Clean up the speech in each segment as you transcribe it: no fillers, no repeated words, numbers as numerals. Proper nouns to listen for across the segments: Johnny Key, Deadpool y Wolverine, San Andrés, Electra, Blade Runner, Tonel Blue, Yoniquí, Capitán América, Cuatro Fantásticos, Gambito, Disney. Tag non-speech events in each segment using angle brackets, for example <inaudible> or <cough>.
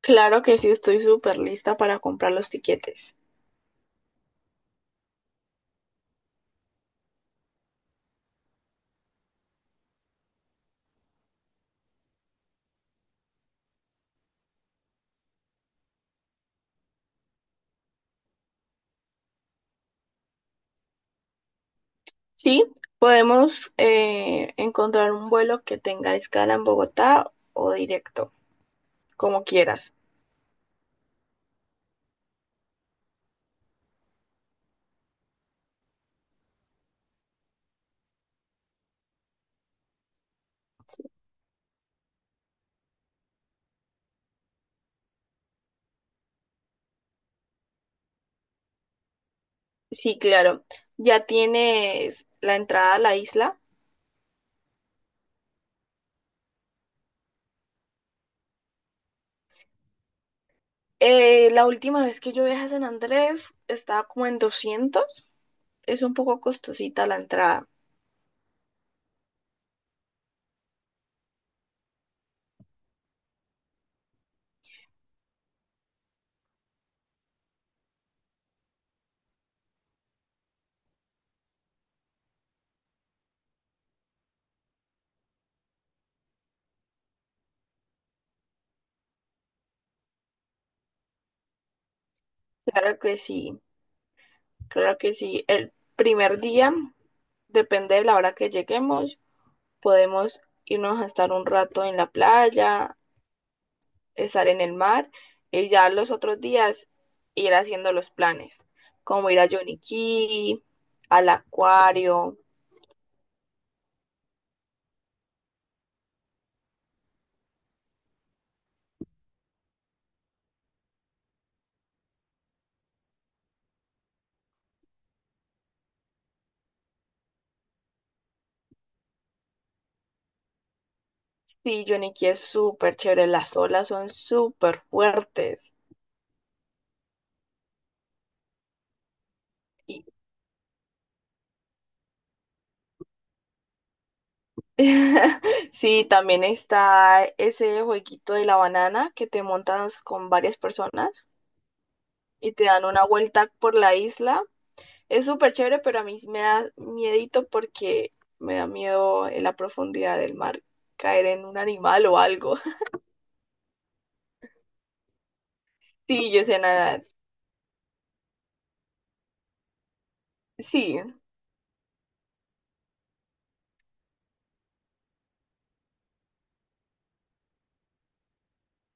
Claro que sí, estoy súper lista para comprar los tiquetes. Sí, podemos encontrar un vuelo que tenga escala en Bogotá o directo, como quieras. Sí, claro. ¿Ya tienes la entrada a la isla? La última vez que yo viajé a San Andrés estaba como en 200. Es un poco costosita la entrada. Claro que sí, claro que sí. El primer día, depende de la hora que lleguemos, podemos irnos a estar un rato en la playa, estar en el mar y ya los otros días ir haciendo los planes, como ir a Yoniquí, al acuario. Sí, Yoniquí es súper chévere, las olas son súper fuertes. Y <laughs> sí, también está ese jueguito de la banana que te montas con varias personas y te dan una vuelta por la isla. Es súper chévere, pero a mí me da miedito porque me da miedo en la profundidad del mar caer en un animal o algo. <laughs> Sí, yo sé nadar. Sí,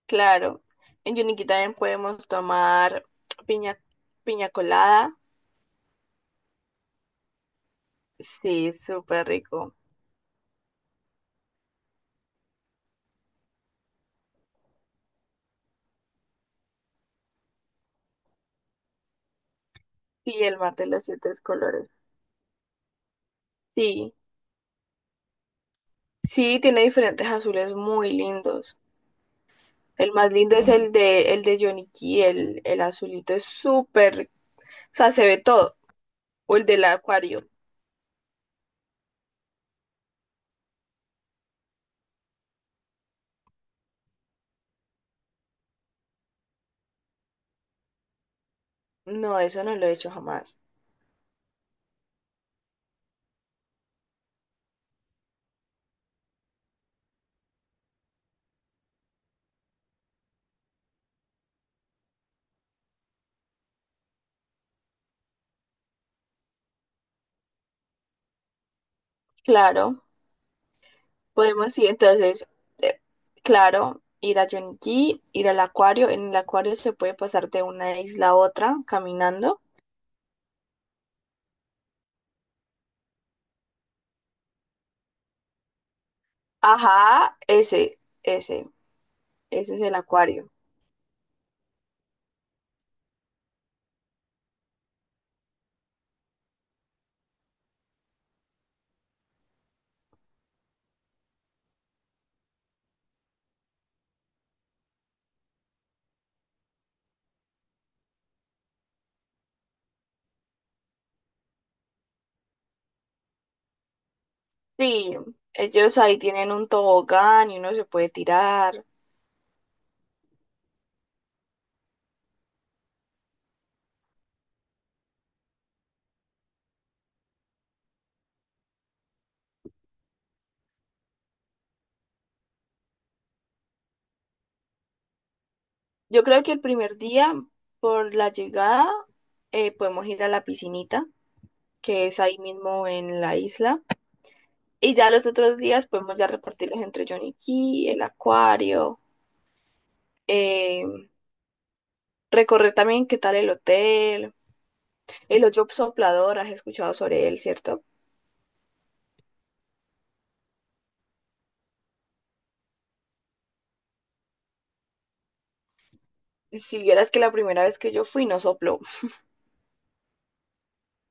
claro. En Yuniquí también podemos tomar piña, piña colada. Sí, súper rico. Sí, el mar de los siete colores. Sí, sí, tiene diferentes azules muy lindos. El más lindo es el de Yonicky, el azulito es súper, o sea, se ve todo. O el del acuario. No, eso no lo he hecho jamás. Claro, podemos ir. Entonces, eh, claro, ir a Yonki, ir al acuario. En el acuario se puede pasar de una isla a otra caminando. Ajá, ese es el acuario. Sí, ellos ahí tienen un tobogán y uno se puede tirar. Yo creo que el primer día, por la llegada, podemos ir a la piscinita, que es ahí mismo en la isla. Y ya los otros días podemos ya repartirlos entre Johnny Key, el acuario, eh, recorrer también qué tal el hotel, el hoyo soplador, has escuchado sobre él, ¿cierto? Si vieras que la primera vez que yo fui no sopló.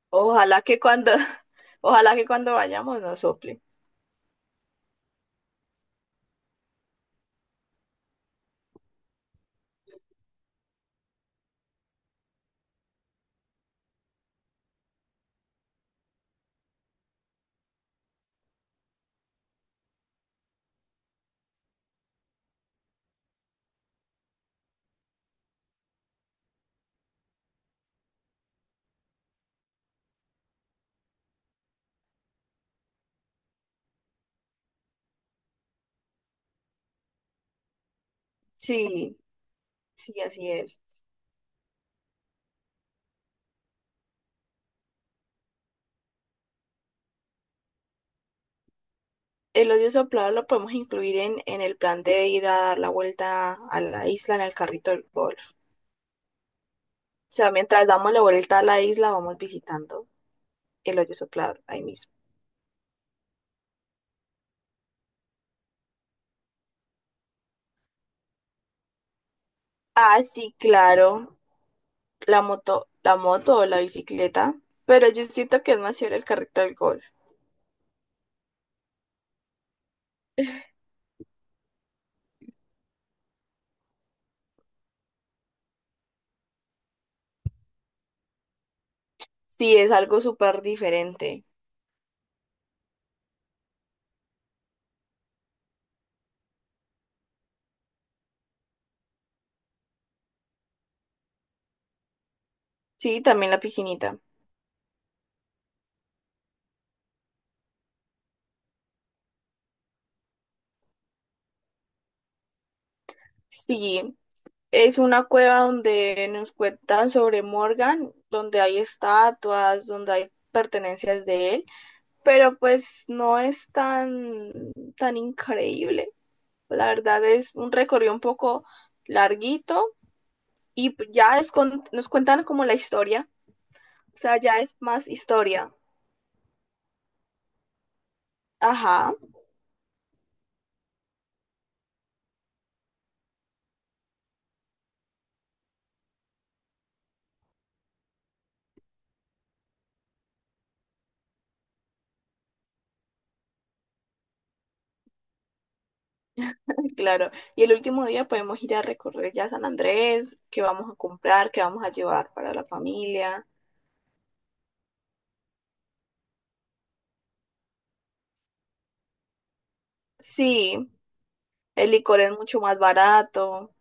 Ojalá que cuando, <laughs> ojalá que cuando vayamos no sople. Sí, sí, así es. El hoyo soplador lo podemos incluir en el plan de ir a dar la vuelta a la isla en el carrito del golf. O sea, mientras damos la vuelta a la isla, vamos visitando el hoyo soplador ahí mismo. Ah, sí, claro, la moto o la bicicleta, pero yo siento que es más chévere el carrito del golf. Sí, es algo súper diferente. Sí, también la piscinita. Sí, es una cueva donde nos cuentan sobre Morgan, donde hay estatuas, donde hay pertenencias de él, pero pues no es tan, tan increíble. La verdad es un recorrido un poco larguito y pues, ya es nos cuentan como la historia. O sea, ya es más historia. Ajá, <laughs> claro. Y el último día podemos ir a recorrer ya San Andrés, qué vamos a comprar, qué vamos a llevar para la familia. Sí, el licor es mucho más barato.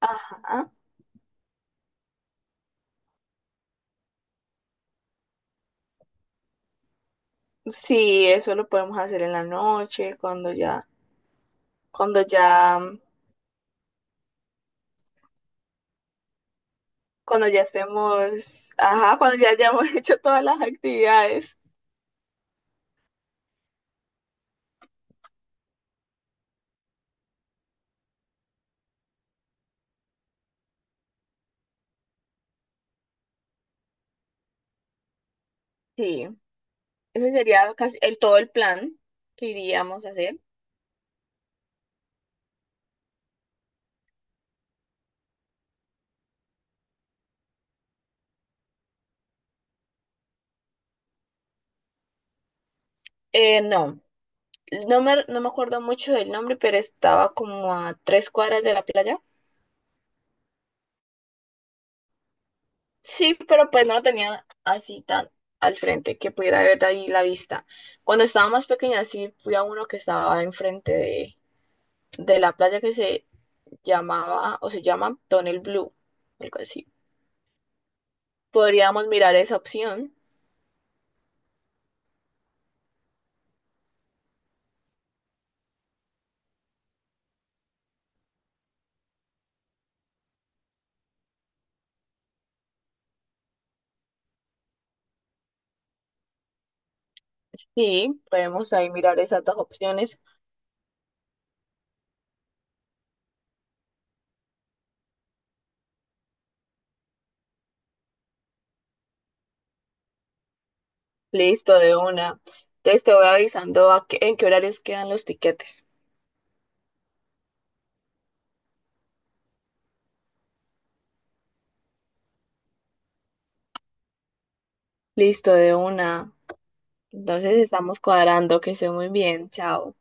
Ajá. Sí, eso lo podemos hacer en la noche, cuando ya, cuando ya estemos, ajá, cuando ya hayamos <laughs> hecho todas las actividades. Sí, ese sería casi todo el plan que iríamos a hacer. No. No me acuerdo mucho del nombre, pero estaba como a 3 cuadras de la playa. Sí, pero pues no lo tenía así tan al frente que pudiera ver ahí la vista. Cuando estaba más pequeña, sí fui a uno que estaba enfrente de la playa que se llamaba o se llama Tonel Blue, algo así. Podríamos mirar esa opción. Sí, podemos ahí mirar esas dos opciones. Listo, de una. Entonces te voy avisando a en qué horarios quedan los tiquetes. Listo, de una. Entonces estamos cuadrando, que esté muy bien, chao.